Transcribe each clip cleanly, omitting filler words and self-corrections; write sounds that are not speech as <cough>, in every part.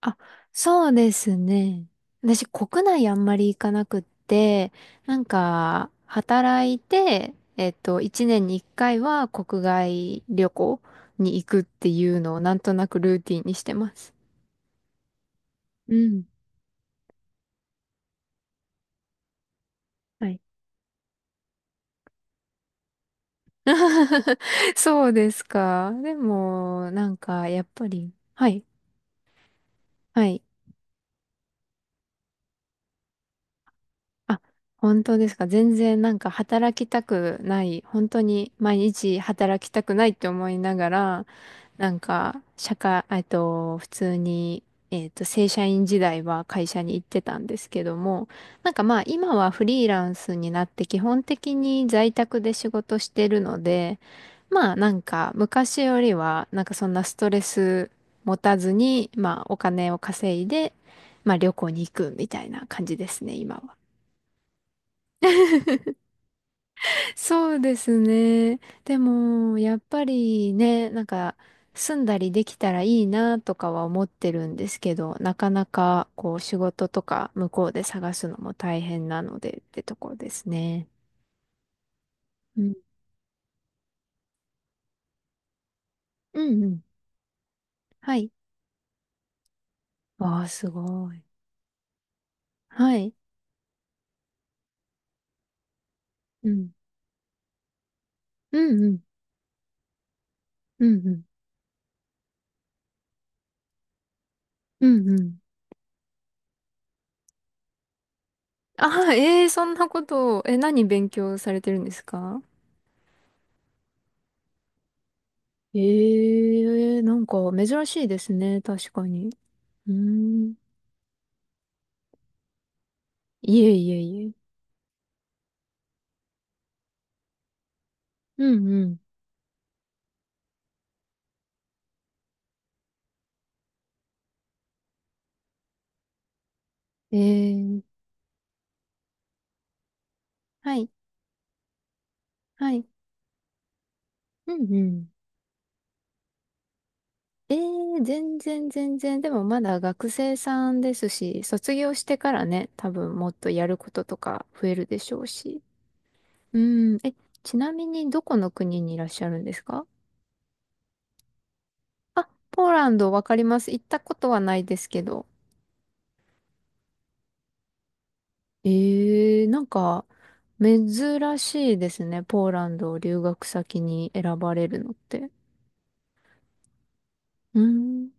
あ、そうですね。私、国内あんまり行かなくって、なんか、働いて、一年に一回は国外旅行に行くっていうのをなんとなくルーティンにしてます。うん。はい。<laughs> そうですか。でも、なんか、やっぱり、はい。はい。あ、本当ですか。全然なんか働きたくない、本当に毎日働きたくないって思いながら、なんか社会、普通に、正社員時代は会社に行ってたんですけども、なんかまあ今はフリーランスになって基本的に在宅で仕事してるので、まあなんか昔よりはなんかそんなストレス持たずに、まあお金を稼いで、まあ旅行に行くみたいな感じですね、今は。そうですね。でも、やっぱりね、なんか、住んだりできたらいいなとかは思ってるんですけど、なかなか、こう、仕事とか向こうで探すのも大変なのでってとこですね。うん。うんうん。はい。わあ、すごい。はい。うん。うんうん。うんうん。うんうん。ああ、ええそんなことを、え、何勉強されてるんですか？ええなんか珍しいですね、確かに。うーん。いえいえいえ。うんうん。えー、はい、はい。うんうん。えー、全然全然。でもまだ学生さんですし、卒業してからね、多分もっとやることとか増えるでしょうし。うん。え、ちなみにどこの国にいらっしゃるんですか？あ、ポーランドわかります。行ったことはないですけど。えー、なんか、珍しいですね。ポーランドを留学先に選ばれるのって。うん。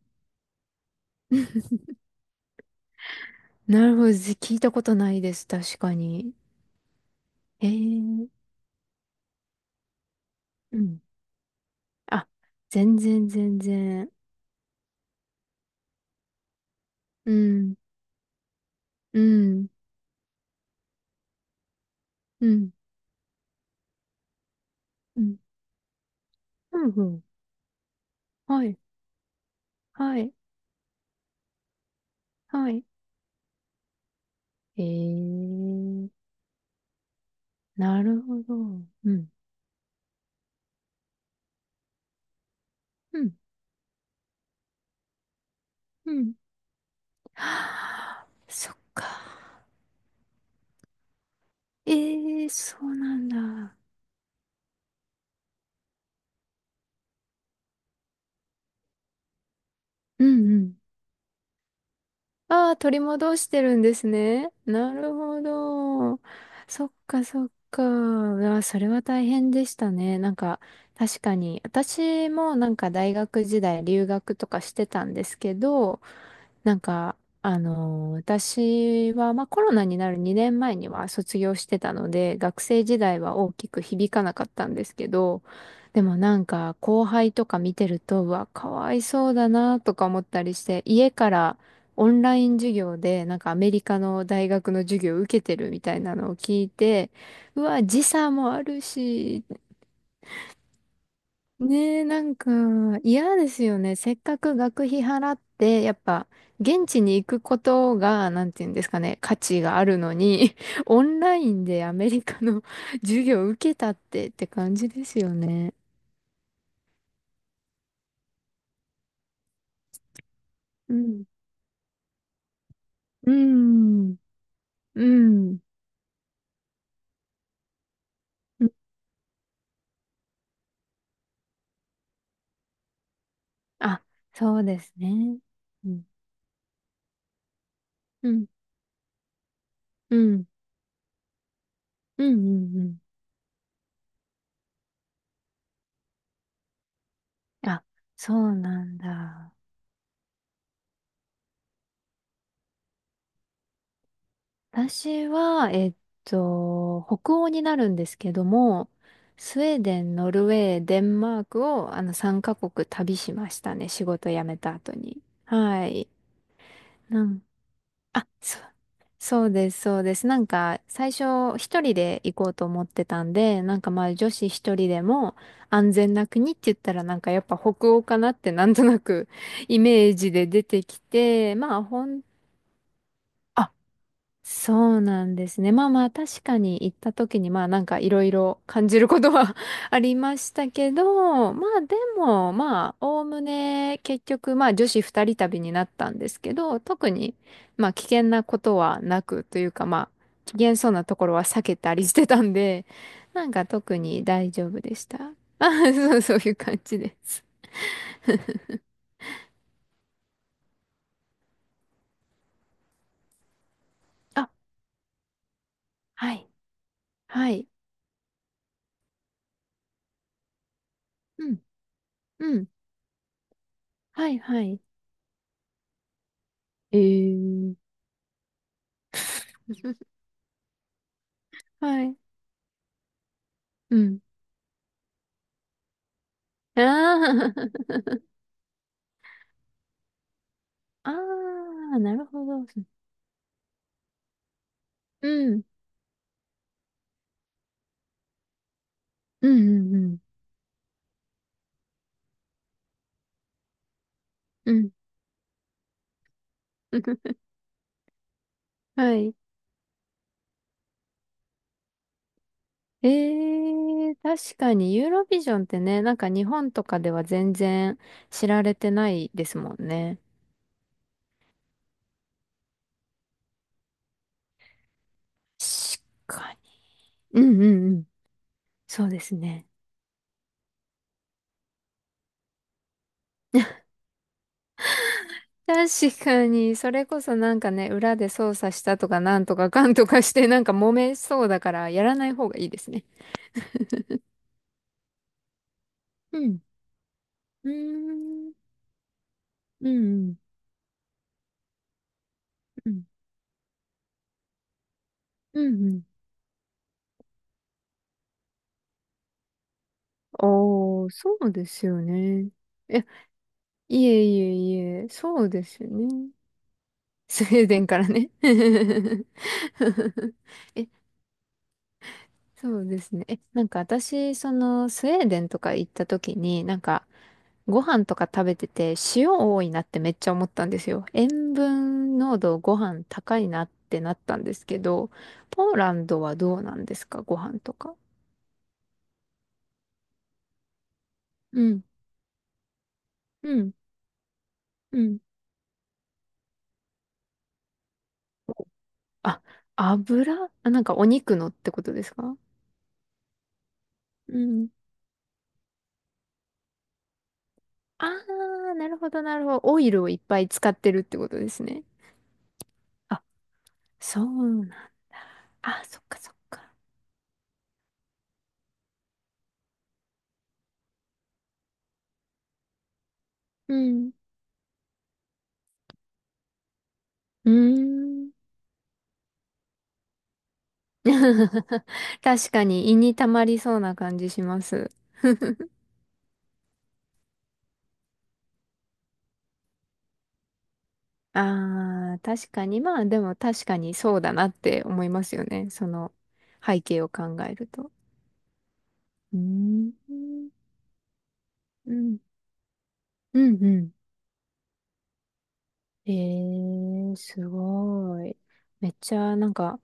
なるほど。聞いたことないです。確かに。えー、うん。あ、全然全然。うん、うん、うん、うん、うん、うん。はい、はい、はい。えー、なるほど。うん、うん、うん。<gasps> はあそっか。えー、そうなんだ。うん、うん。ああ、取り戻してるんですね。なるほど。そっかそっか。ああ、それは大変でしたね。なんか、確かに。私もなんか大学時代留学とかしてたんですけど、なんか、私は、まあ、コロナになる2年前には卒業してたので、学生時代は大きく響かなかったんですけど、でもなんか後輩とか見てると、うわ、かわいそうだなとか思ったりして、家からオンライン授業でなんかアメリカの大学の授業を受けてるみたいなのを聞いて、うわ、時差もあるし、ねえ、なんか嫌ですよね。せっかく学費払って、やっぱ現地に行くことが、なんていうんですかね、価値があるのに、<laughs> オンラインでアメリカの <laughs> 授業を受けたって感じですよね。うん。うん。うん。うん。あ、そうですね。うん。うん。うん。うん。うん。うん。あ、そうなんだ。私は、北欧になるんですけども、スウェーデン、ノルウェー、デンマークを、3カ国旅しましたね。仕事辞めた後に。はい。なん、あ、そう、そうです、そうです。なんか、最初、一人で行こうと思ってたんで、なんかまあ、女子一人でも安全な国って言ったら、なんかやっぱ北欧かなってなんとなく <laughs> イメージで出てきて、まあ、あ、そうなんですね。まあまあ確かに行った時にまあなんかいろいろ感じることは <laughs> ありましたけど、まあでもまあおおむね結局まあ女子二人旅になったんですけど、特にまあ危険なことはなくというかまあ危険そうなところは避けたりしてたんで、なんか特に大丈夫でした。<laughs> あ、そう、そういう感じです。あ、はい、はい、うん、うん、はい、はい。えー、<laughs> はい、うん。あー <laughs> あー、なるほど。うん。うんうんうん。うん。<laughs> はい。えー、確かにユーロビジョンってね、なんか日本とかでは全然知られてないですもんね。確かに。うんうんうん。そうですね。<laughs> 確かに、それこそなんかね、裏で操作したとかなんとかかんとかしてなんか揉めそうだからやらない方がいいですね。うん。うーん。うんうん。うん。うんうん。ああ、そうですよね。いや、いえいえいえ、そうですよね。<laughs> スウェーデンからね。<laughs> え、そうですね。え、なんか私、その、スウェーデンとか行った時に、なんか、ご飯とか食べてて、塩多いなってめっちゃ思ったんですよ。塩分濃度ご飯高いなってなったんですけど、ポーランドはどうなんですか？ご飯とか。うん、うん、うん。あ、油あ、なんかお肉のってことですか？うん。ああ、なるほど、なるほど。オイルをいっぱい使ってるってことですね。あ、そうな。あ、そっかそっか。うん。うーん。<laughs> 確かに胃に溜まりそうな感じします。<laughs> ああ、確かに。まあでも確かにそうだなって思いますよね。その背景を考えると。うーん。うん。うんうん。えー、すごい。めっちゃ、なんか、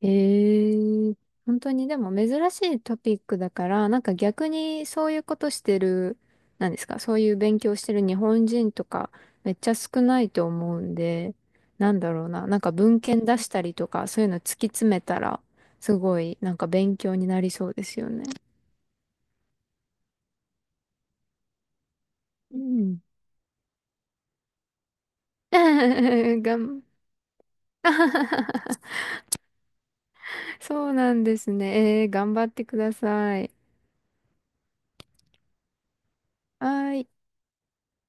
えー、本当にでも珍しいトピックだから、なんか逆にそういうことしてる、なんですか、そういう勉強してる日本人とか、めっちゃ少ないと思うんで、なんだろうな、なんか文献出したりとか、そういうの突き詰めたら、すごい、なんか勉強になりそうですよね。うん。<laughs> がん <laughs> そうなんですね。えー、頑張ってください。はーい。